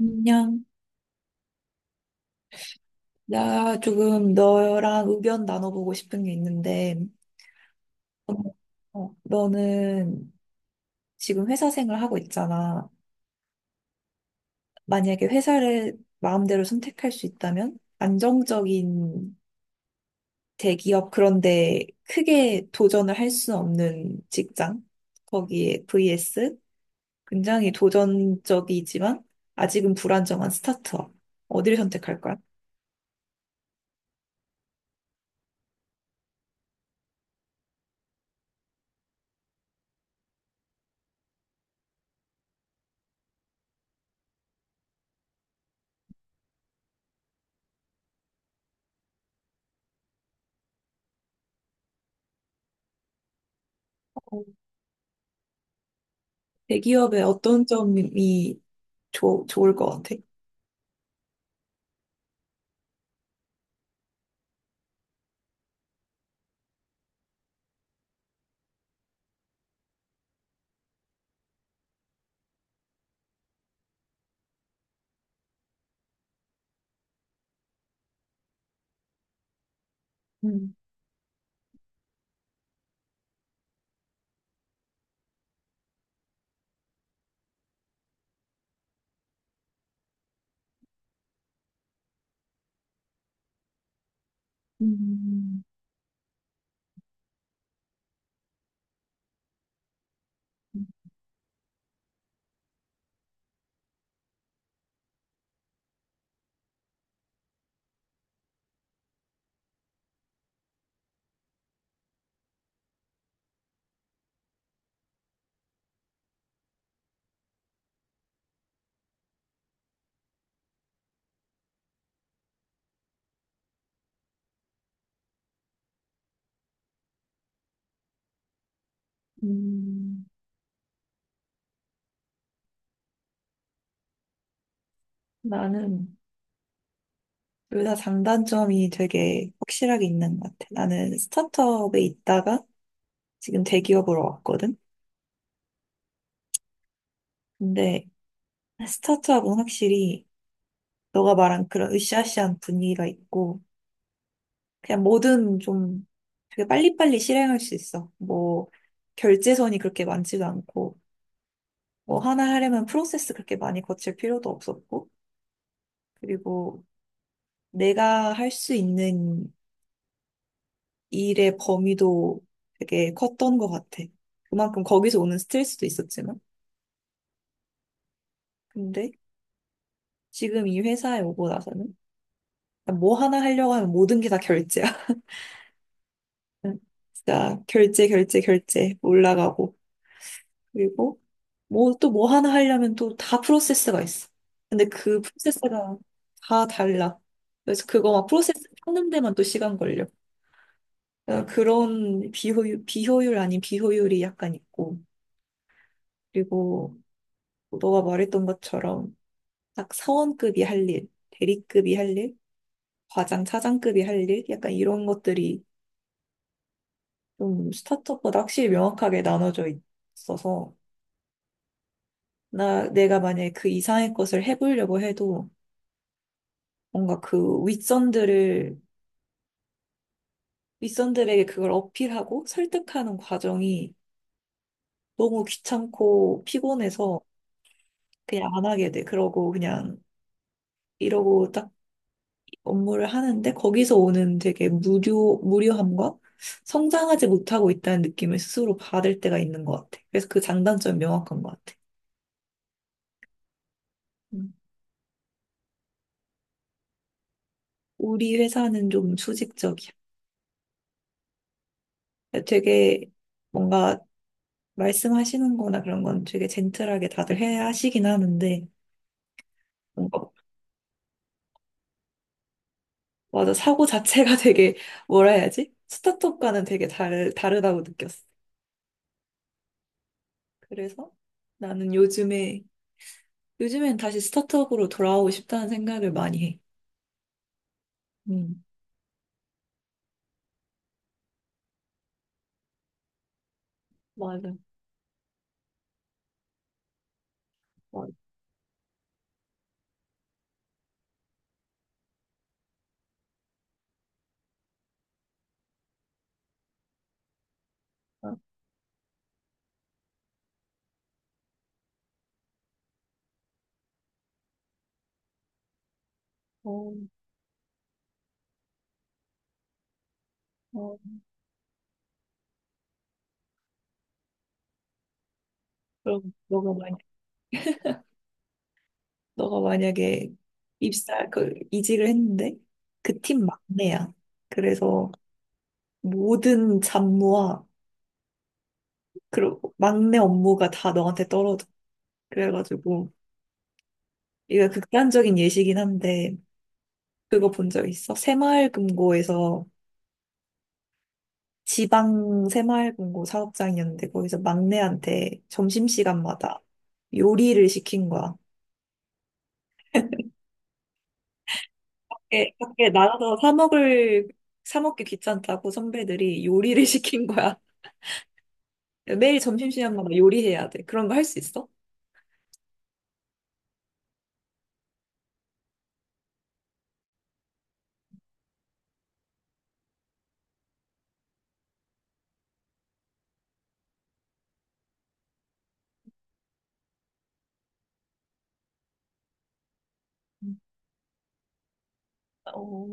안녕. 나 조금 너랑 의견 나눠보고 싶은 게 있는데, 어, 너는 지금 회사 생활 하고 있잖아. 만약에 회사를 마음대로 선택할 수 있다면, 안정적인 대기업 그런데 크게 도전을 할 수 없는 직장, 거기에 vs 굉장히 도전적이지만 아직은 불안정한 스타트업. 어디를 선택할 거야? 어, 대기업의 어떤 점이 좋을 것 같아? 음, 음, 음. 나는 둘 다 장단점이 되게 확실하게 있는 것 같아. 나는 스타트업에 있다가 지금 대기업으로 왔거든. 근데 스타트업은 확실히 너가 말한 그런 으쌰으쌰한 분위기가 있고 그냥 뭐든 좀 되게 빨리빨리 실행할 수 있어. 뭐 결제선이 그렇게 많지도 않고 뭐 하나 하려면 프로세스 그렇게 많이 거칠 필요도 없었고, 그리고 내가 할 수 있는 일의 범위도 되게 컸던 것 같아. 그만큼 거기서 오는 스트레스도 있었지만. 근데 지금 이 회사에 오고 나서는 뭐 하나 하려고 하면 모든 게 다 결제야. 진짜 결제, 결제, 결제 올라가고. 그리고 뭐 또 뭐 하나 하려면 또 다 프로세스가 있어. 근데 그 프로세스가 다 달라. 그래서 그거 막 프로세스 찾는 데만 또 시간 걸려. 그러니까 그런 비효율 아닌 비효율이 약간 있고. 그리고 너가 말했던 것처럼 딱 사원급이 할 일, 대리급이 할 일, 과장, 차장급이 할 일, 약간 이런 것들이 좀 스타트업보다 확실히 명확하게 나눠져 있어서 나 내가 만약에 그 이상의 것을 해보려고 해도 뭔가 그 윗선들을 윗선들에게 그걸 어필하고 설득하는 과정이 너무 귀찮고 피곤해서 그냥 안 하게 돼. 그러고 그냥 이러고 딱 업무를 하는데 거기서 오는 되게 무료함과 성장하지 못하고 있다는 느낌을 스스로 받을 때가 있는 것 같아. 그래서 그 장단점이 명확한 것 같아. 음. 우리 회사는 좀 수직적이야. 되게 뭔가 말씀하시는 거나 그런 건 되게 젠틀하게 다들 해 하시긴 하는데 뭔가 맞아, 사고 자체가 되게 뭐라 해야지? 스타트업과는 되게 다르다고 느꼈어. 그래서 나는 요즘에 요즘엔 다시 스타트업으로 돌아오고 싶다는 생각을 많이 해. 맞아, 맞아. 어, 어. 그럼 너가 만약에 입사 그 이직을 했는데 그 팀 막내야. 그래서 모든 잡무와 그리고 막내 업무가 다 너한테 떨어져. 그래가지고 이거 극단적인 예시긴 한데, 그거 본 적 있어? 새마을금고에서, 지방 새마을금고 사업장이었는데 거기서 막내한테 점심시간마다 요리를 시킨 거야. 밖에 나가서 사 먹기 귀찮다고 선배들이 요리를 시킨 거야. 매일 점심시간마다 요리해야 돼. 그런 거 할 수 있어? 음. 어,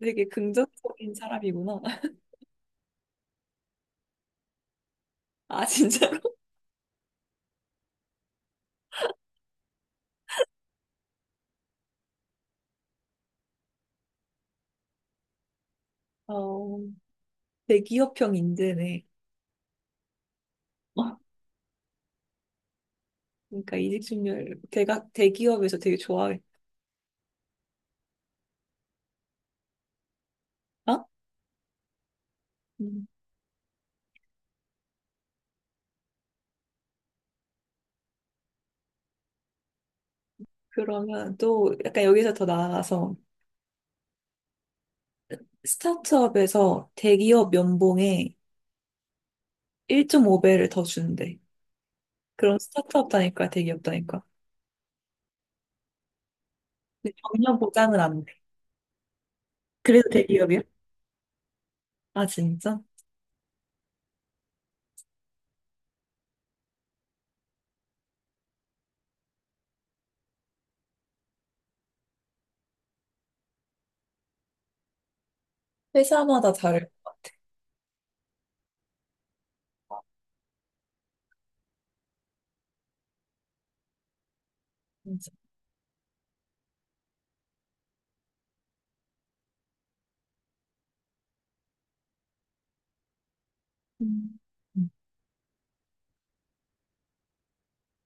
되게 긍정적인 사람이구나. 아, 진짜로? 어, 대기업형 인재네. 어, 그러니까 이직준결 대각 대기업에서 되게 좋아해. 어? 음, 그러면 또 약간 여기서 더 나아가서 스타트업에서 대기업 연봉의 1.5배를 더 주는데. 그런 스타트업 다니까 대기업 다니까. 근데 전혀 보장은 안 돼. 그래도 대기업이야? 아, 진짜? 회사마다 다를 것 같아. 진짜. 음. 음.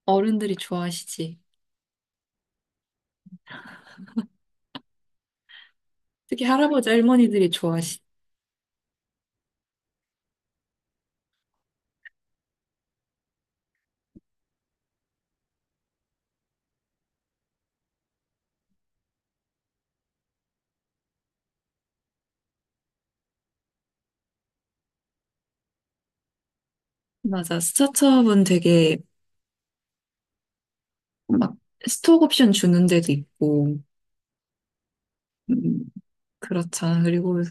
어른들이 좋아하시지. 특히 할아버지, 할머니들이 좋아하시. 맞아. 스타트업은 되게 막 스톡 옵션 주는 데도 있고, 음, 그렇잖아. 그리고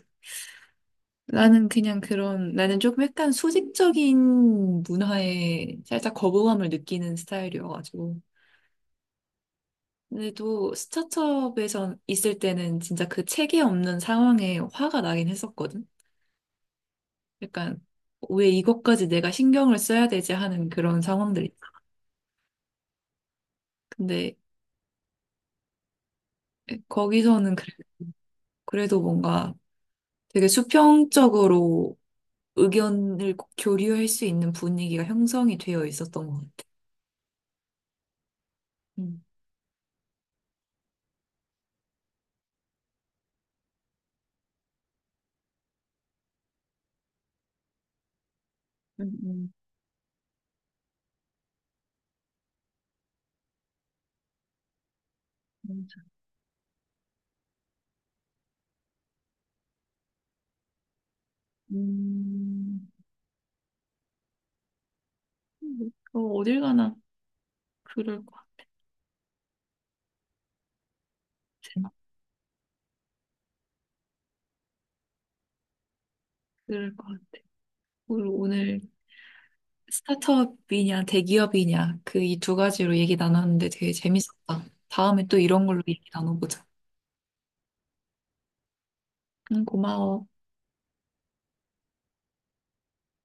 나는 조금 약간 수직적인 문화에 살짝 거부감을 느끼는 스타일이어가지고. 근데 또 스타트업에서 있을 때는 진짜 그 체계 없는 상황에 화가 나긴 했었거든. 약간 왜 이것까지 내가 신경을 써야 되지 하는 그런 상황들 있죠. 근데 거기서는 그래- 그래도 뭔가 되게 수평적으로 의견을 교류할 수 있는 분위기가 형성이 되어 있었던 것 같아. 음, 음, 음, 맞아. 음, 어, 어딜 가나 그럴 것 같아. 진짜 그럴 것 같아. 오늘 스타트업이냐 대기업이냐 그 이 두 가지로 얘기 나눴는데 되게 재밌었다. 다음에 또 이런 걸로 얘기 나눠보자. 응, 고마워.